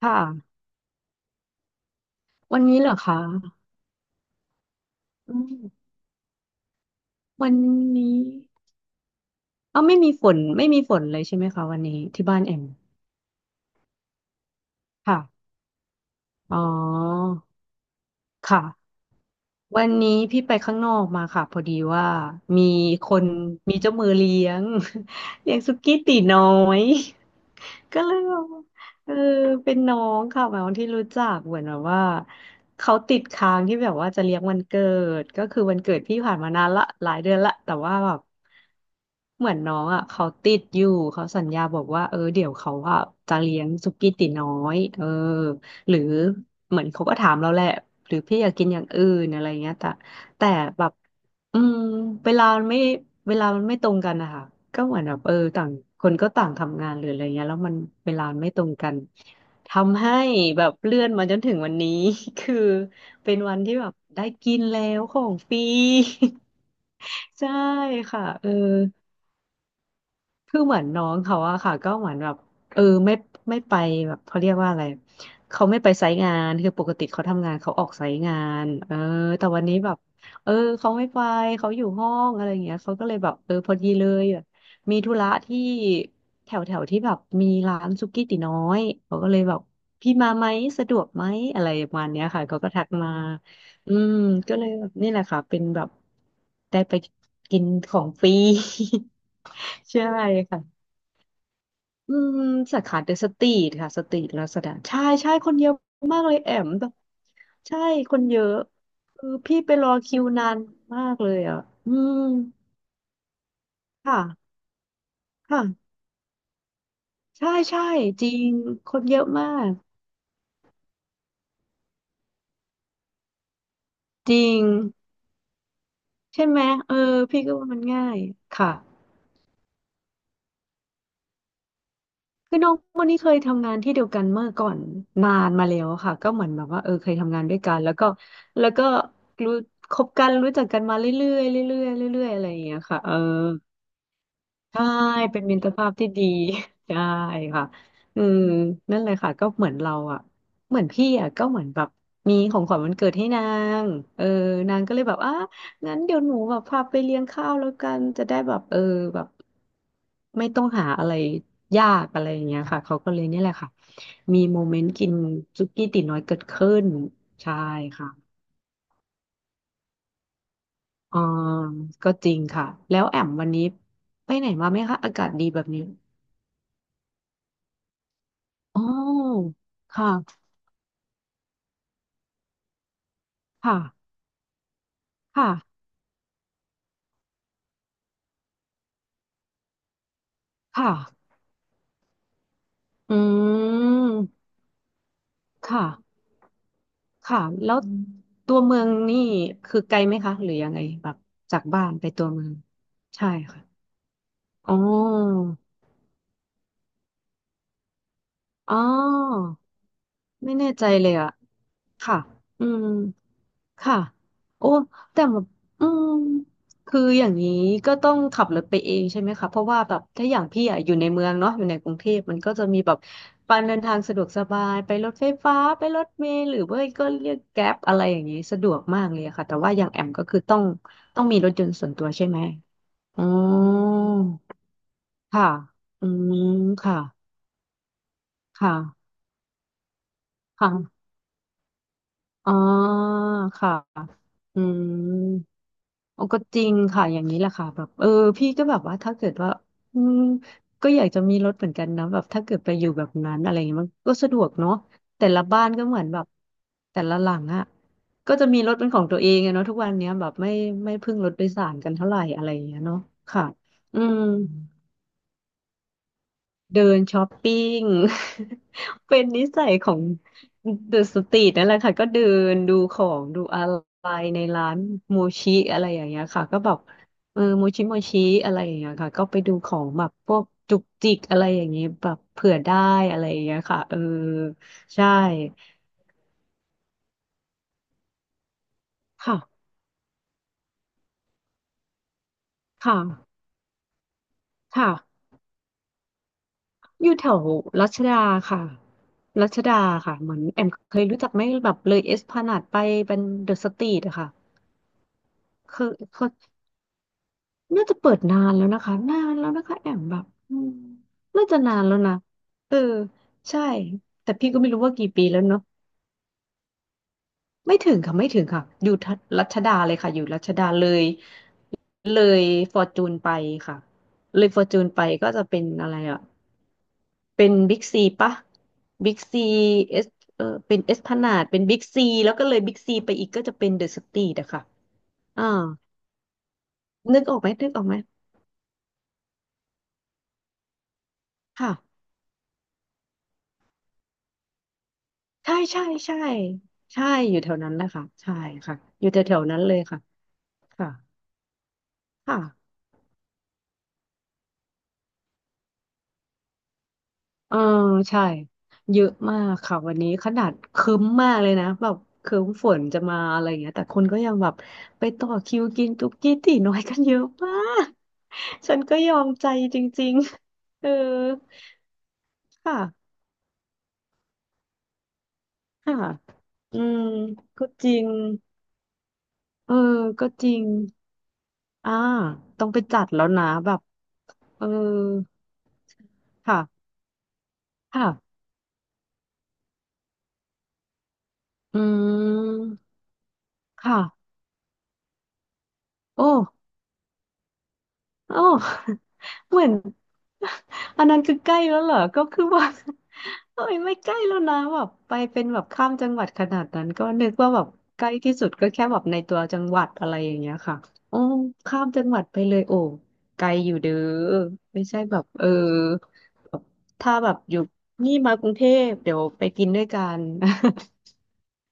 ค่ะวันนี้เหรอคะอืมวันนี้เอ๋อไม่มีฝนเลยใช่ไหมคะวันนี้ที่บ้านแอมค่ะอ๋อค่ะ วันนี้พี่ไปข้างนอกมาค่ะพอดีว่ามีคนมีเจ้ามือเลี้ยง เลี้ยงสุกี้ตีน้อย ก็เลยบอกว่าเออเป็นน้องค่ะหมายความที่รู้จักเหมือนแบบว่าเขาติดค้างที่แบบว่าจะเลี้ยงวันเกิดก็คือวันเกิดพี่ผ่านมานานละหลายเดือนละแต่ว่าแบบเหมือนน้องอ่ะเขาติดอยู่เขาสัญญาบอกว่าเออเดี๋ยวเขาอ่ะจะเลี้ยงสุกี้ตีน้อยเออ หรือเหมือนเขาก็ถามเราแหละหรือพี่อยากกินอย่างอื่นอะไรเงี้ยแต่แต่แบบอืมเวลามันไม่เวลามันไม่ตรงกันนะคะก็เหมือนแบบเออต่างคนก็ต่างทำงานหรืออะไรเงี้ยแล้วมันเวลามันไม่ตรงกันทำให้แบบเลื่อนมาจนถึงวันนี้ คือเป็นวันที่แบบได้กินแล้วของฟรี ใช่ค่ะเออ คือเหมือนน้องเขาอะค่ะก็เหมือนแบบเออไม่ไปแบบเขาเรียกว่าอะไรเขาไม่ไปไซต์งานคือปกติเขาทำงานเขาออกไซต์งานเออแต่วันนี้แบบเออเขาไม่ไปเขาอยู่ห้องอะไรอย่างเงี้ยเขาก็เลยแบบเออพอดีเลยแบบมีธุระที่แถวแถวที่แบบมีร้านสุกี้ตี๋น้อยเขาก็เลยแบบพี่มาไหมสะดวกไหมอะไรประมาณเนี้ยค่ะเขาก็ทักมา อืมก็เลยแบบนี่แหละค่ะเป็นแบบได้ไปกินของฟรี ใช่ค่ะอืมสาขาเดอะสตรีทค่ะสตรีทลาซาด้าใช่ใช่คนเยอะมากเลยแอมแบบใช่คนเยอะคือพี่ไปรอคิวนานมากเลยอ่ะอืมค่ะค่ะใช่ใช่จริงคนเยอะมากจริงใช่ไหมเออพี่ก็ว่ามันง่ายค่ะ คือน้องคนนี้เคยทำงานที่เดียวกันเมื่อก่อนนานมาแล้วค่ะก็เหมือนแบบว่าเออเคยทำงานด้วยกันแล้วก็แล้วก็รู้คบกันรู้จักกันมาเรื่อยๆเรื่อยๆเรื่อยๆอะไรอย่างเงี้ยค่ะเออ ใช่เป็นมิตรภาพที่ดี ใช่ค่ะอืมนั่นเลยค่ะก็เหมือนเราอ่ะเหมือนพี่อ่ะก็เหมือนแบบมีของขวัญวันเกิดให้นางเออนางก็เลยแบบอ่ะงั้นเดี๋ยวหนูแบบพาไปเลี้ยงข้าวแล้วกันจะได้แบบเออแบบไม่ต้องหาอะไรยากอะไรอย่างเงี้ยค่ะเขาก็เลยนี่แหละค่ะมีโมเมนต์กินซุกี้ตี๋น้อยเกิดขึ้นใช่ค่ะอ๋อก็จริงค่ะแล้วแอมวันนี้ไปไหนมาไหมคะอากาศดีแบบนี้ อ๋อค่ะค่ะ ค่ะ ค่ะ อืม ค่ะ ค่ะ แล้วอืมตัวเมืองนี่คือไกลไหมคะหรือยังไงแบบจากบ้านไปตัวเมืองใช่ค่ะ อ๋อ อ๋อ ไม่แน่ใจเลยอะค่ะ อืม ค่ะโอ้แต่แบบอืมคืออย่างนี้ก็ต้องขับรถไปเองใช่ไหมคะเพราะว่าแบบถ้าอย่างพี่อะอยู่ในเมืองเนาะอยู่ในกรุงเทพมันก็จะมีแบบการเดินทางสะดวกสบายไปรถไฟฟ้าไปรถเมล์หรือว่าก็เรียกแกร็บอะไรอย่างนี้สะดวกมากเลยอะค่ะแต่ว่าอย่างแอมก็คือต้องมีรถยนต์ส่วนตัวใช่ไหมอ๋อค่ะอืมค่ะค่ะค่ะอ๋อค่ะอืม โอ้ก็จริงค่ะอย่างนี้แหละค่ะแบบเออพี่ก็แบบว่าถ้าเกิดว่าอืมก็อยากจะมีรถเหมือนกันนะแบบถ้าเกิดไปอยู่แบบนั้นอะไรเงี้ยมันก็สะดวกเนาะแต่ละบ้านก็เหมือนแบบแต่ละหลังอะก็จะมีรถเป็นของตัวเองอะเนาะทุกวันเนี้ยแบบไม่พึ่งรถโดยสารกันเท่าไหร่อะไรอย่างเงี้ยเนาะค่ะอืม เดินช้อปปิ้ง เป็นนิสัยของเดอะสตรีทนั่นแหละค่ะก็เดินดูของดูอะไรในร้านโมชิอะไรอย่างเงี้ยค่ะก็แบบเออโมชิโมชิอะไรอย่างเงี้ยค่ะก็ไปดูของแบบพวกจุกจิกอะไรอย่างเงี้ยแบบเผื่อได้อะไรอย่างเงี้ยค่ะเออใช่ค่ะค่ะค่ะอยู่แถวรัชดาค่ะรัชดาค่ะเหมือนแอมเคยรู้จักไหมแบบเลยเอสพลานาดไปเป็นเดอะสตรีทอะค่ะคือค น่าจะเปิดนานแล้วนะคะนานแล้วนะคะแอมแบบน่าจะนานแล้วนะเออใช่แต่พี่ก็ไม่รู้ว่ากี่ปีแล้วเนาะไม่ถึงค่ะไม่ถึงค่ะอยู่ทัรัชดาเลยค่ะอยู่รัชดาเลยเลยฟอร์จูนไปค่ะเลยฟอร์จูนไปก็จะเป็นอะไรอ่ะเป็นบิ๊กซีปะบิ๊กซีเอสเออเป็นเอสพลานาดเป็นบิ๊กซีแล้วก็เลยบิ๊กซีไปอีกก็จะเป็นเดอะสตรีทอะค่ะอ่านึกออกไหมนึกออกไหมค่ะ ใช่ใช่ใช่ใช่อยู่แถวนั้นแหละค่ะใช่ค่ะอยู่แถวๆนั้นเลยค่ะค่ะค่ะเออใช่เยอะมากค่ะวันนี้ขนาดครึ้มมากเลยนะแบบครึ้มฝนจะมาอะไรอย่างเงี้ยแต่คนก็ยังแบบไปต่อคิวกินตุ๊กกี้ตี๋น้อยกันเยอะมากฉันก็ยอมใจจริงๆเออค่ะค่ะอืมก็จริงเออก็จริงอ่าต้องไปจัดแล้วนะแบบเออค่ะค่ะ อืมค่ะโอ้โอ้ เหมือน อันนั้นคือใกล้แล้วเหรอก็คือว่า โอ้ยไม่ใกล้แล้วนะแบบไปเป็นแบบข้ามจังหวัดขนาดนั้นก็นึกว่าแบบใกล้ที่สุดก็แค่แบบในตัวจังหวัดอะไรอย่างเงี้ยค่ะโอ้ข้ามจังหวัดไปเลยโอ้ไกลอยู่เด้อไม่ใช่แบบเออแบบถ้าแบบอยู่นี่มากรุงเทพเดี๋ยวไปกินด้วยกัน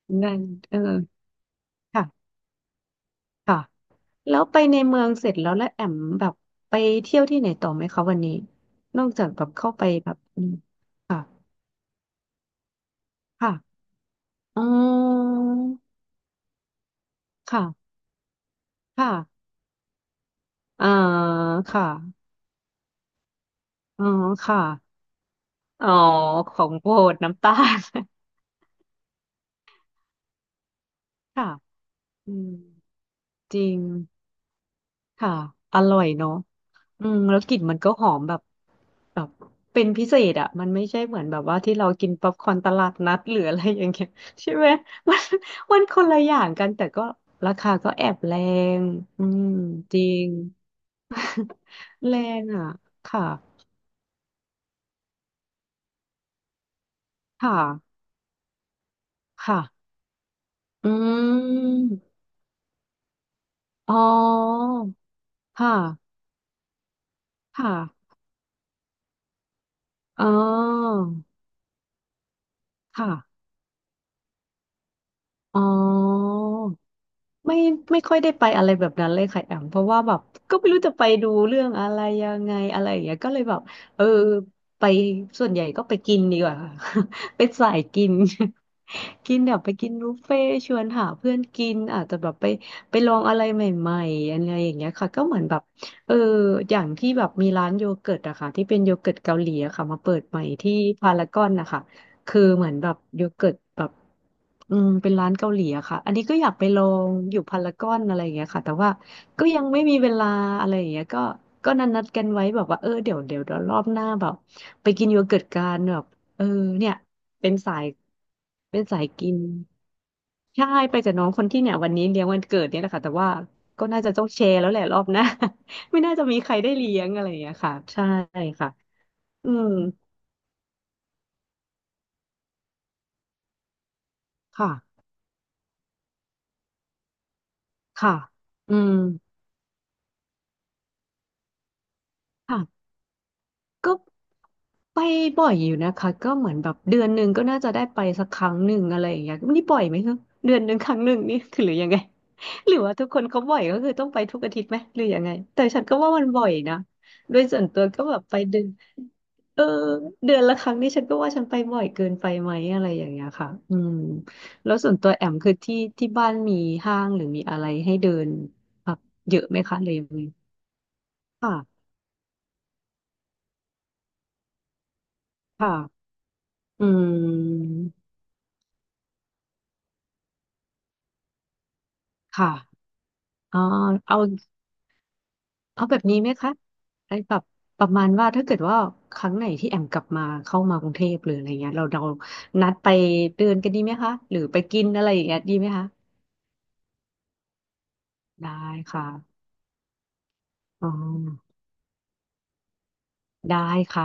นั่นเออค่ะ ค่ะแล้วไปในเมืองเสร็จแล้วแล้วแอมแบบไปเที่ยวที่ไหนต่อไหมคะวันนี้นอกจากแบบเข้าไปแบบค่ะค่ะอ๋อค่ะค่ะอ่าค่ะอ๋อค่ะอ๋อของโปรดน้ำตาล ค่ะอืมจริงค่ะอร่อยเนาะ อืมแล้วกลิ่นมันก็หอมแบบแบบเป็นพิเศษอ่ะมันไม่ใช่เหมือนแบบว่าที่เรากินป๊อปคอร์นตลาดนัดหรืออะไรอย่างเงี้ย ใช่ไหมมันมันคนละอย่างกันแต่ก็ราคาก็แอบแรงอืมจริง แรงอ่ะค่ะค่ะค่ะอืมอ๋อค่ะค่ะอ๋อค่ะอ๋อ ไม่ไม่ค่อยได้ไปอะไรแบบนั้นเลยค่ะแอมเพราะว่าแบบก็ไม่รู้จะไปดูเรื่องอะไรยังไงอะไรอย่างเงี้ยก็เลยแบบเออไปส่วนใหญ่ก็ไปกินดีกว่าค่ะ เป็นสายกิน กินแบบไปกินบุฟเฟ่ต์ชวนหาเพื่อนกินอาจจะแบบไปไปลองอะไรใหม่ๆอะไรอย่างเงี้ยค่ะก็เหมือนแบบเอออย่างที่แบบมีร้านโยเกิร์ตอะค่ะที่เป็นโยเกิร์ตเกาหลีอะค่ะมาเปิดใหม่ที่พารากอนนะคะ คือเหมือนแบบโยเกิร์ตแบบเป็นร้านเกาหลีอะค่ะอันนี้ก็อยากไปลองอยู่พารากอนอะไรอย่างเงี้ยค่ะแต่ว่าก็ยังไม่มีเวลาอะไรอย่างเงี้ยก็ก็นัดกันไว้แบบว่าเออเดี๋ยวรอบหน้าแบบไปกินโยเกิร์ตกันแบบเออเนี่ยเป็นสายเป็นสายกินใช่ไปกับน้องคนที่เนี่ยวันนี้เลี้ยงวันเกิดเนี่ยแหละค่ะแต่ว่าก็น่าจะต้องแชร์แล้วแหละรอบหน้า ไม่น่าจะมีใครได้เลี้ยงอะไรอย่างเงี้ยค่ะใช่ค่ะอืมค่ะค่ะอืมค่ะ ก็ไปบ่อยอยู่นะคะก็เหมือนแบบเดือนหนึ่งก็น่าจะได้ไปสักครั้งหนึ่งอะไรอย่างเงี้ยนี่บ่อยไหมคะเดือนหนึ่งครั้งหนึ่งนี่คือหรือยังไง หรือว่าทุกคนเขาบ่อยก็คือต้องไปทุกอาทิตย์ไหมหรือยังไงแต่ฉันก็ว่ามันบ่อยนะโดยส่วนตัวก็แบบไปเดือนเออเดือนละครั้งนี่ฉันก็ว่าฉันไปบ่อยเกินไปไหมอะไรอย่างเงี้ยค่ะอืมแล้วส่วนตัวแอมคือที่บ้านมีห้างหรือมีอะไรให้เดินแบบเยอะไหมคะเลยงไงค่ะค่ะอืมค่ะ อ๋อเอาเอาแบบนี้ไหมคะไอ้แบบประมาณว่าถ้าเกิดว่าครั้งไหนที่แอมกลับมาเข้ามากรุงเทพหรืออะไรเงี้ยเรานัดไปเดินกันดีไหมคะหรือไปกินอะไรอย่างเงี้ยดีไหมคะได้ค่ะอ๋อได้ค่ะ